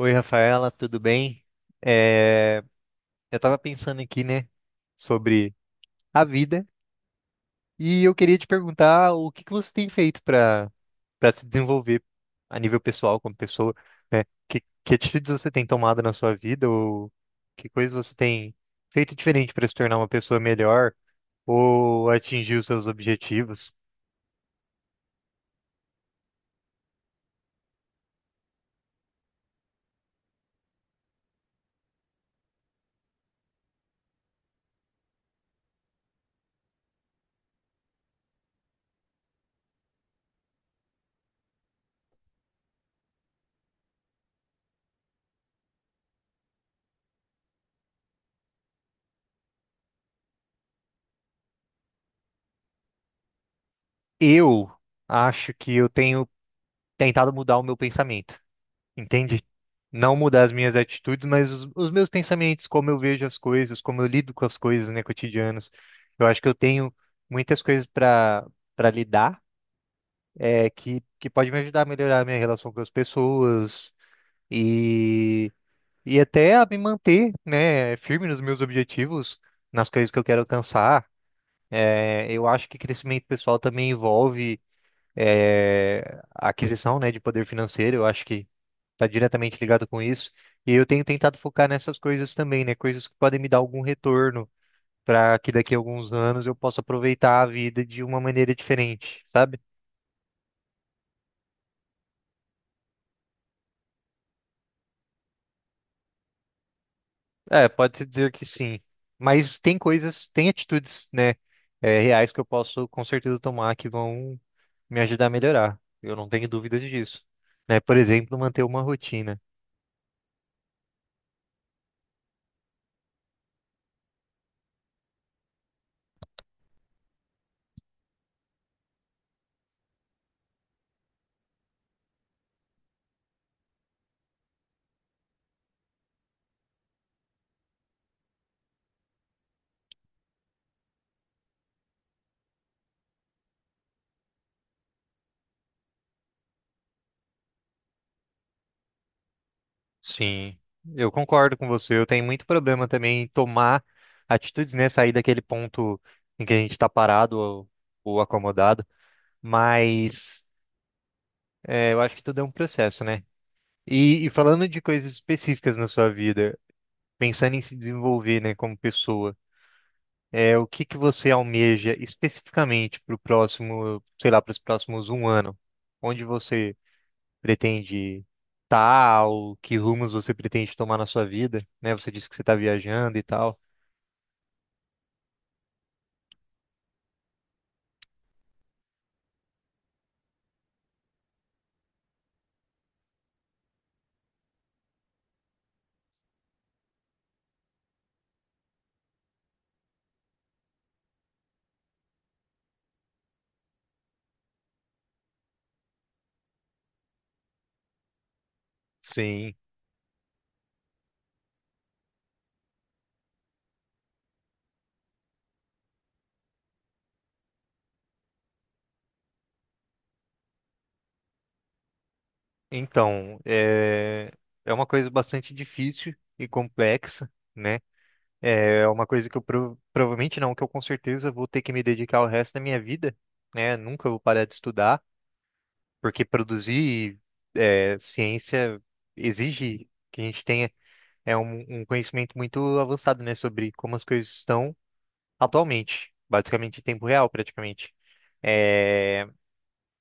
Oi, Rafaela, tudo bem? É, eu estava pensando aqui, né, sobre a vida e eu queria te perguntar o que que você tem feito para se desenvolver a nível pessoal como pessoa, né? Que atitudes você tem tomado na sua vida ou que coisas você tem feito diferente para se tornar uma pessoa melhor ou atingir os seus objetivos? Eu acho que eu tenho tentado mudar o meu pensamento. Entende? Não mudar as minhas atitudes, mas os meus pensamentos, como eu vejo as coisas, como eu lido com as coisas, né, cotidianas. Eu acho que eu tenho muitas coisas para lidar, é, que pode me ajudar a melhorar a minha relação com as pessoas e, e até a me manter, né, firme nos meus objetivos, nas coisas que eu quero alcançar. É, eu acho que crescimento pessoal também envolve a aquisição, né, de poder financeiro. Eu acho que está diretamente ligado com isso. E eu tenho tentado focar nessas coisas também, né? Coisas que podem me dar algum retorno para que daqui a alguns anos eu possa aproveitar a vida de uma maneira diferente, sabe? É, pode-se dizer que sim. Mas tem coisas, tem atitudes, né, reais que eu posso com certeza tomar que vão me ajudar a melhorar. Eu não tenho dúvidas disso. Né? Por exemplo, manter uma rotina. Sim, eu concordo com você. Eu tenho muito problema também em tomar atitudes, né? Sair daquele ponto em que a gente está parado ou acomodado. Mas eu acho que tudo é um processo, né? E falando de coisas específicas na sua vida, pensando em se desenvolver, né, como pessoa, o que que você almeja especificamente para o próximo, sei lá, para os próximos um ano? Onde você pretende tal que rumos você pretende tomar na sua vida, né? Você disse que você está viajando e tal. Sim. Então, é uma coisa bastante difícil e complexa, né? É uma coisa que eu provavelmente não, que eu com certeza vou ter que me dedicar o resto da minha vida, né? Nunca vou parar de estudar, porque produzir ciência exige que a gente tenha um conhecimento muito avançado, né? Sobre como as coisas estão atualmente, basicamente em tempo real, praticamente. É,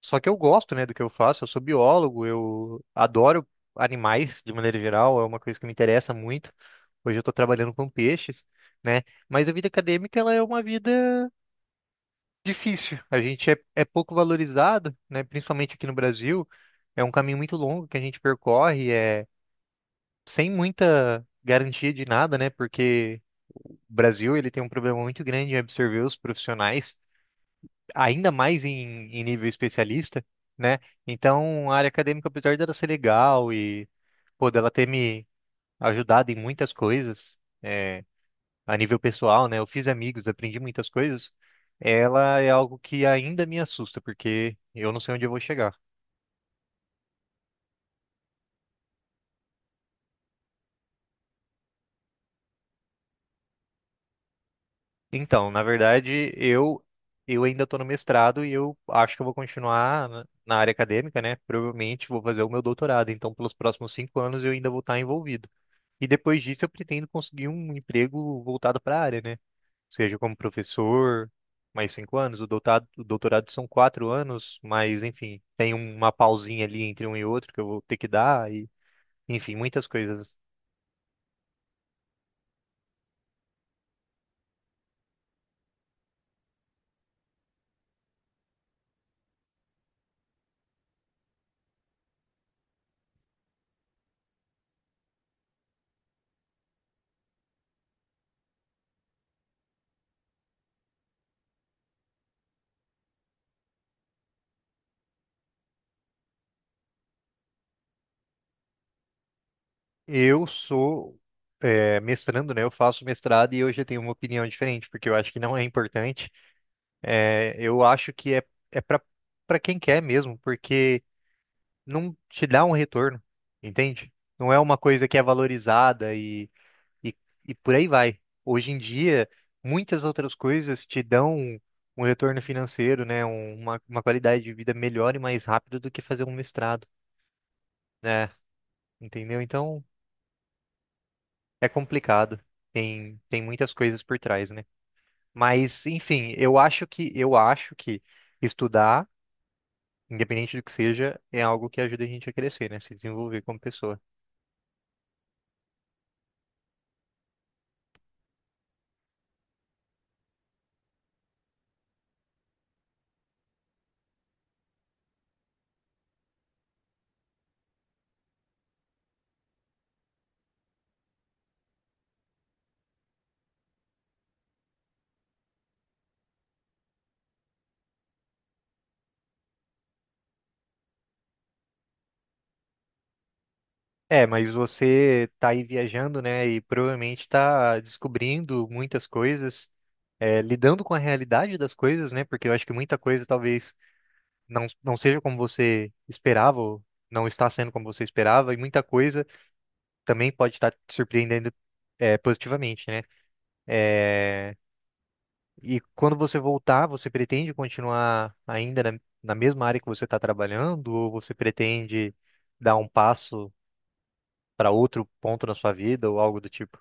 Só que eu gosto, né, do que eu faço, eu sou biólogo, eu adoro animais de maneira geral, é uma coisa que me interessa muito. Hoje eu estou trabalhando com peixes, né? Mas a vida acadêmica ela é uma vida difícil. A gente é pouco valorizado, né? Principalmente aqui no Brasil, é um caminho muito longo que a gente percorre, é sem muita garantia de nada, né? Porque o Brasil ele tem um problema muito grande em absorver os profissionais ainda mais em, nível especialista, né? Então, a área acadêmica, apesar dela ser legal e, pô, dela ter me ajudado em muitas coisas, é, a nível pessoal, né? Eu fiz amigos, aprendi muitas coisas. Ela é algo que ainda me assusta, porque eu não sei onde eu vou chegar. Então, na verdade, eu ainda estou no mestrado e eu acho que eu vou continuar na área acadêmica, né? Provavelmente vou fazer o meu doutorado. Então, pelos próximos 5 anos, eu ainda vou estar envolvido. E depois disso eu pretendo conseguir um emprego voltado para a área, né? Seja como professor, mais 5 anos, o doutorado são 4 anos, mas enfim, tem uma pausinha ali entre um e outro que eu vou ter que dar, e enfim, muitas coisas. Eu sou mestrando, né? Eu faço mestrado e eu já tenho uma opinião diferente, porque eu acho que não é importante. É, eu acho que é para quem quer mesmo, porque não te dá um retorno, entende? Não é uma coisa que é valorizada e, e por aí vai. Hoje em dia, muitas outras coisas te dão um retorno financeiro, né? Uma qualidade de vida melhor e mais rápido do que fazer um mestrado, né? Entendeu? Então, é complicado. Tem muitas coisas por trás, né? Mas, enfim, eu acho que estudar, independente do que seja, é algo que ajuda a gente a crescer, né? Se desenvolver como pessoa. É, mas você tá aí viajando, né? E provavelmente tá descobrindo muitas coisas, lidando com a realidade das coisas, né? Porque eu acho que muita coisa talvez não seja como você esperava, ou não está sendo como você esperava, e muita coisa também pode estar te surpreendendo, positivamente, né? É, e quando você voltar, você pretende continuar ainda na, mesma área que você está trabalhando, ou você pretende dar um passo para outro ponto na sua vida, ou algo do tipo?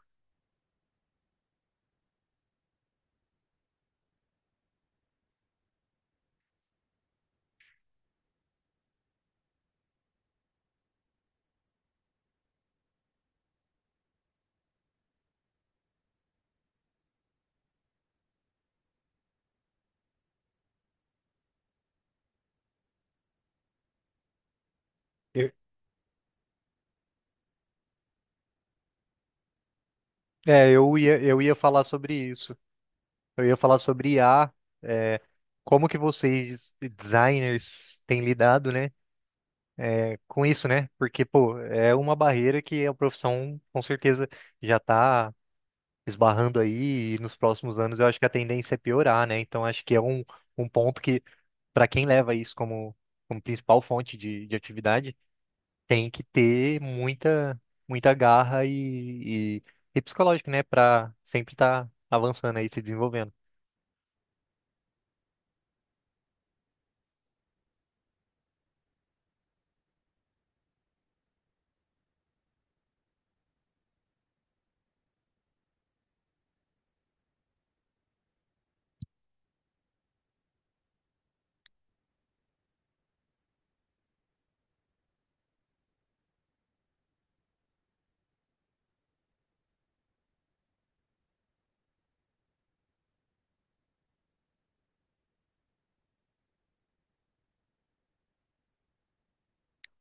Eu- eu ia falar sobre isso. Eu ia falar sobre I a é, como que vocês, designers, têm lidado, né, com isso, né? Porque, pô, é uma barreira que a profissão, com certeza, já está esbarrando aí e nos próximos anos eu acho que a tendência é piorar, né? Então, acho que é um ponto que, para quem leva isso como principal fonte de atividade, tem que ter muita, muita garra e psicológico, né? Pra sempre estar avançando aí, se desenvolvendo.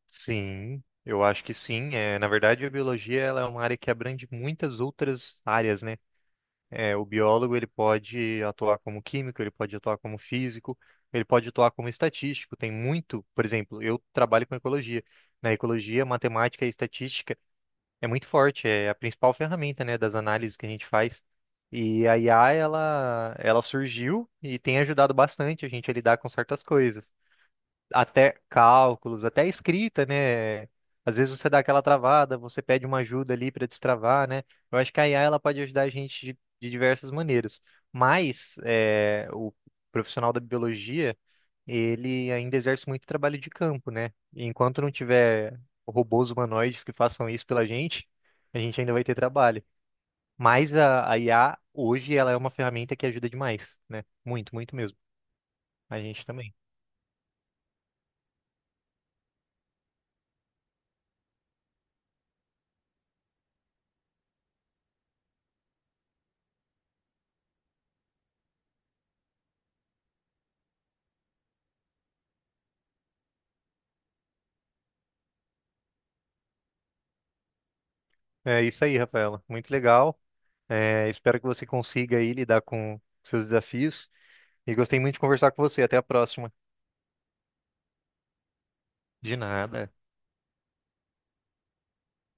Sim, eu acho que sim. É, na verdade, a biologia ela é uma área que abrange muitas outras áreas, né? É, o biólogo ele pode atuar como químico, ele pode atuar como físico, ele pode atuar como estatístico. Tem muito, por exemplo, eu trabalho com ecologia. Na ecologia, matemática e estatística é muito forte, é a principal ferramenta, né, das análises que a gente faz. E a IA, ela surgiu e tem ajudado bastante a gente a lidar com certas coisas. Até cálculos, até escrita, né? Às vezes você dá aquela travada, você pede uma ajuda ali para destravar, né? Eu acho que a IA, ela pode ajudar a gente de, diversas maneiras. Mas o profissional da biologia ele ainda exerce muito trabalho de campo, né? E enquanto não tiver robôs humanoides que façam isso pela gente, a gente ainda vai ter trabalho. Mas a IA, hoje, ela é uma ferramenta que ajuda demais, né? Muito, muito mesmo. A gente também. É isso aí, Rafaela. Muito legal. É, espero que você consiga aí lidar com seus desafios. E gostei muito de conversar com você. Até a próxima. De nada.